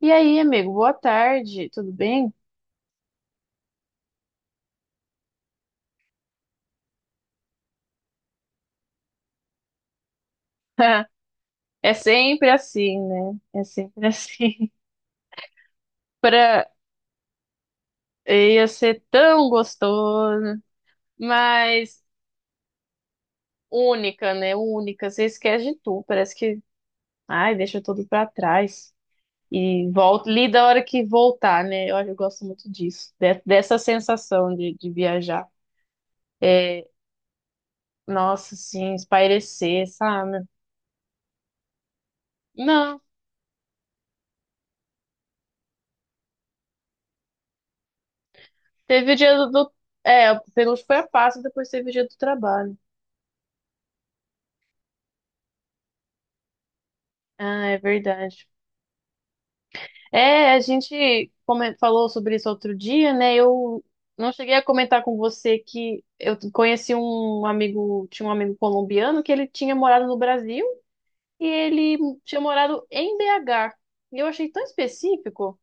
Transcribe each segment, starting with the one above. E aí, amigo, boa tarde, tudo bem? É sempre assim, né? É sempre assim. Pra... Ia ser tão gostoso, mas única, né? Única. Você esquece de tudo, parece que, ai, deixa tudo pra trás. E volta, lida a hora que voltar, né? Eu gosto muito disso, dessa sensação de viajar. É, nossa, assim, espairecer, sabe? Não, teve o dia É, o penúltimo foi a Páscoa, depois teve o dia do trabalho. Ah, é verdade. É, a gente falou sobre isso outro dia, né? Eu não cheguei a comentar com você que eu conheci um amigo, tinha um amigo colombiano que ele tinha morado no Brasil e ele tinha morado em BH. E eu achei tão específico.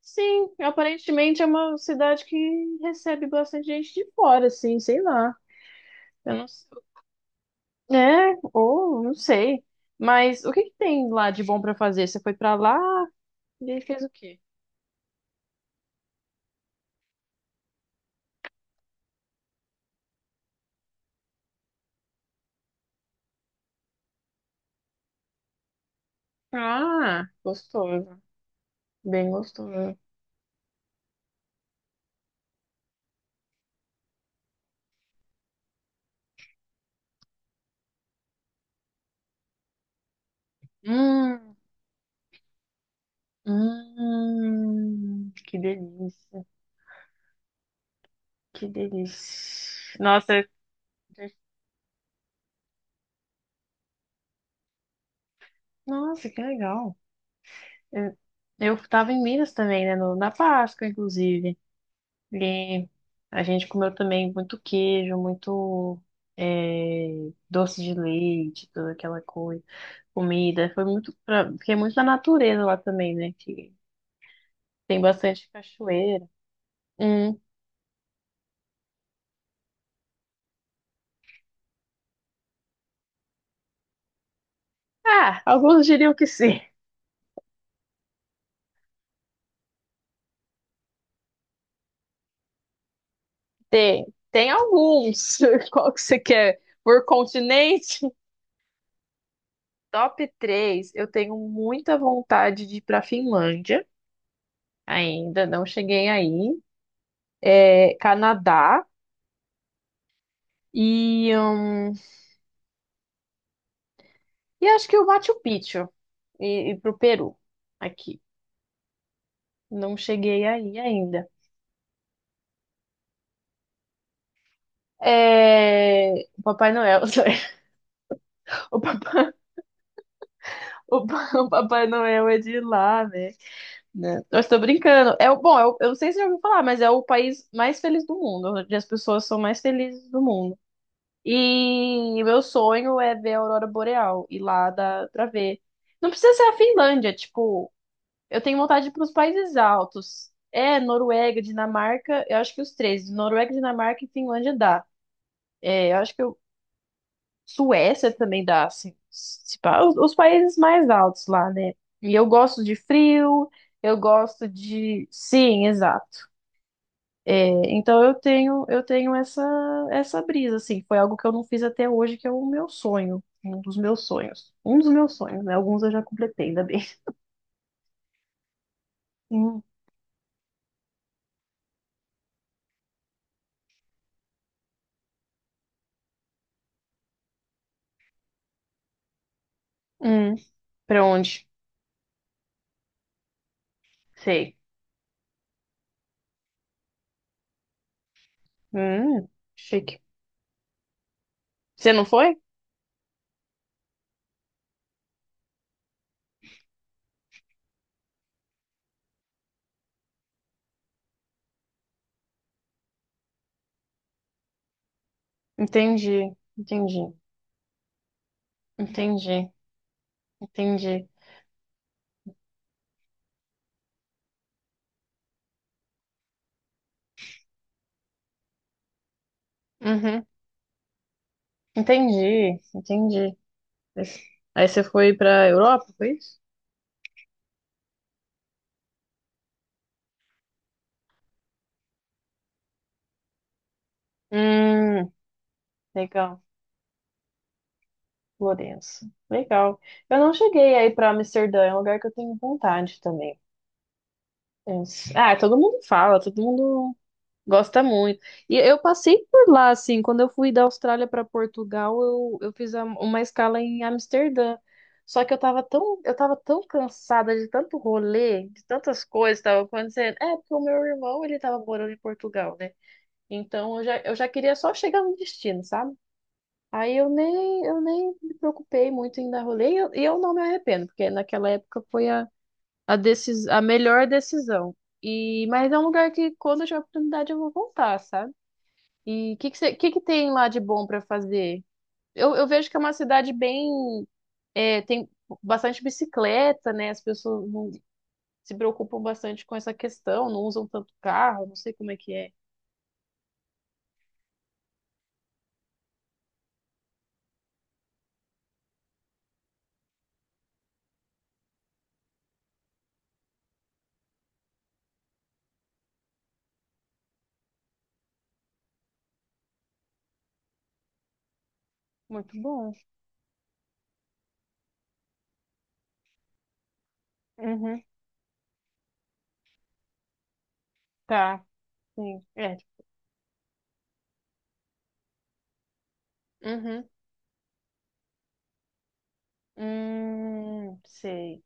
Sim, aparentemente é uma cidade que recebe bastante gente de fora, assim, sei lá. Eu não sei. É, ou não sei. Mas o que que tem lá de bom pra fazer? Você foi pra lá e fez o quê? Ah, gostoso. Bem gostoso. Hum, que delícia. Que delícia. Nossa, que legal. Eu, eu tava em Minas também, né? Na Páscoa, inclusive. E a gente comeu também muito queijo, muito doce de leite, toda aquela coisa. Comida. Foi muito. Fiquei muito na natureza lá também, né? Que tem bastante cachoeira. Ah, alguns diriam que sim. Tem, tem alguns. Qual que você quer? Por continente? Top 3. Eu tenho muita vontade de ir para Finlândia. Ainda não cheguei aí. É, Canadá e hum, e acho que o Machu Picchu e pro Peru aqui. Não cheguei aí ainda. É, o Papai Noel, o Papai, o Pa- o Papai Noel é de lá, né? Né? Eu estou brincando. É, bom, eu não sei se você já ouviu falar, mas é o país mais feliz do mundo, onde as pessoas são mais felizes do mundo. E meu sonho é ver a aurora boreal, ir lá dá pra ver. Não precisa ser a Finlândia, tipo, eu tenho vontade de ir para os países altos. É, Noruega, Dinamarca, eu acho que os três, Noruega, Dinamarca e Finlândia dá. É, eu acho que eu, Suécia também dá, assim, se pá, os países mais altos lá, né? E eu gosto de frio, eu gosto de. Sim, exato. É, então eu tenho essa, essa brisa, assim, foi algo que eu não fiz até hoje, que é o meu sonho. Um dos meus sonhos. Um dos meus sonhos, né? Alguns eu já completei, ainda bem. Hum, hum, pra onde? Sei. Hum, chique. Você não foi? Entendi, entendi, entendi, entendi. Uhum, entendi, entendi. Mas- Aí você foi pra Europa, foi isso? Hum, legal. Florença. Legal. Eu não cheguei aí pra Amsterdã, é um lugar que eu tenho vontade também. Mas- Ah, todo mundo fala, todo mundo gosta muito. E eu passei por lá, assim, quando eu fui da Austrália para Portugal, eu uma escala em Amsterdã. Só que eu tava tão cansada de tanto rolê, de tantas coisas que tava acontecendo. É, porque o meu irmão, ele tava morando em Portugal, né? Então eu já queria só chegar no destino, sabe? Aí eu nem me preocupei muito em dar rolê e e eu não me arrependo, porque naquela época foi a melhor decisão. E, mas é um lugar que quando eu tiver oportunidade eu vou voltar, sabe? E o que, que, você- que tem lá de bom para fazer? Eu vejo que é uma cidade bem. É, tem bastante bicicleta, né? As pessoas não se preocupam bastante com essa questão, não usam tanto carro, não sei como é que é. Muito bom. Uhum. Tá. Sim, é. Uhum. Sei.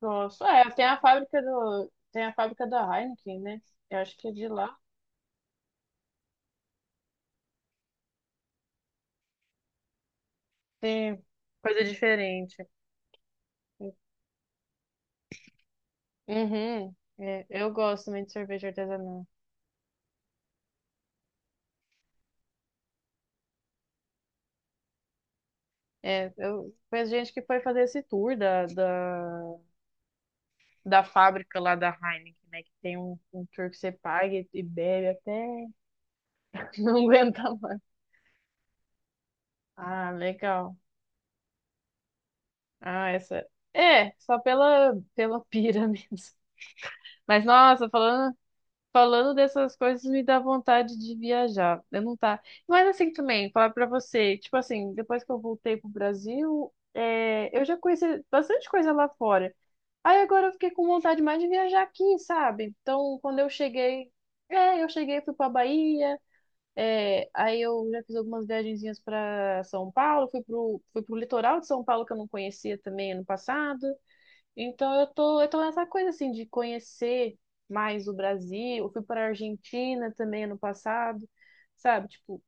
Gosto. É, tem tem a fábrica da Heineken, né? Eu acho que é de lá. Tem coisa diferente. Uhum. É, eu gosto muito de cerveja artesanal. É, eu conheço gente que foi fazer esse da fábrica lá da Heineken, né? Que tem um tour que você paga e bebe até não aguenta mais. Ah, legal. Ah, essa. É, só pela, pela pira mesmo. Mas nossa, falando dessas coisas me dá vontade de viajar. Eu não tá. Mas assim também, falar pra você, tipo assim, depois que eu voltei pro Brasil, é, eu já conheci bastante coisa lá fora. Aí agora eu fiquei com vontade mais de viajar aqui, sabe? Então, quando eu cheguei, é, eu cheguei, fui pra Bahia, é, aí eu já fiz algumas viagenzinhas pra São Paulo, fui pro litoral de São Paulo que eu não conhecia também ano passado. Então eu tô nessa coisa assim de conhecer mais o Brasil. Eu fui para a Argentina também ano passado, sabe? Tipo,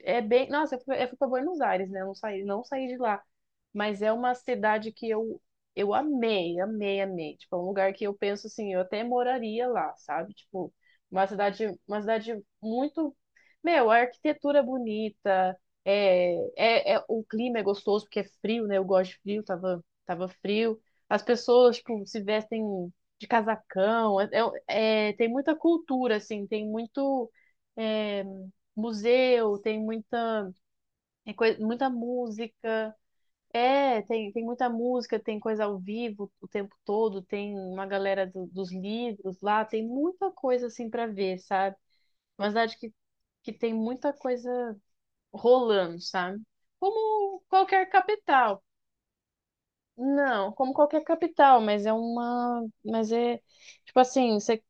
é bem. Nossa, eu fui para Buenos Aires, né? Eu não saí, não saí de lá. Mas é uma cidade que eu amei, amei, amei. Tipo, é um lugar que eu penso assim, eu até moraria lá, sabe? Tipo, uma cidade muito. Meu, a arquitetura é bonita, o clima é gostoso, porque é frio, né? Eu gosto de frio, tava frio. As pessoas, tipo, se vestem de casacão. Tem muita cultura, assim, tem muito. é, museu, tem muita, muita música. É, tem muita música, tem coisa ao vivo o tempo todo, tem uma galera dos livros lá, tem muita coisa assim para ver, sabe? Uma cidade que tem muita coisa rolando, sabe? Como qualquer capital. Não, como qualquer capital, mas mas é tipo assim, você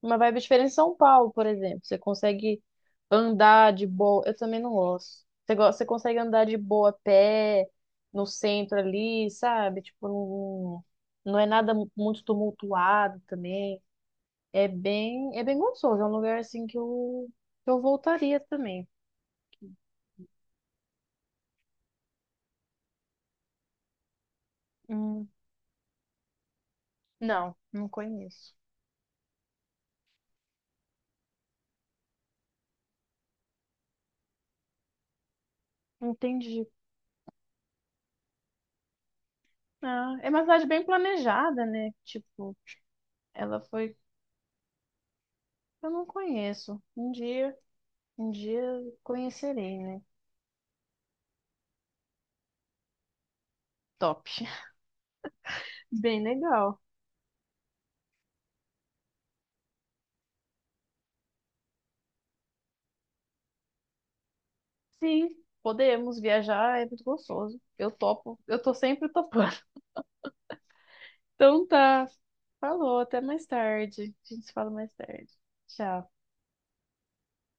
Uma vibe diferente em São Paulo, por exemplo. Você consegue andar de boa. Eu também não gosto. Você, você consegue andar de boa a pé no centro ali, sabe? Tipo, não é nada muito tumultuado também. É bem gostoso. É um lugar assim que que eu voltaria também. Hum, não, não conheço. Entendi. Ah, é uma cidade bem planejada, né? Tipo, ela foi. Eu não conheço. Um dia conhecerei, né? Top. Bem legal. Sim, podemos viajar, é muito gostoso. Eu topo, eu tô sempre topando. Então tá. Falou, até mais tarde. A gente se fala mais tarde. Tchau.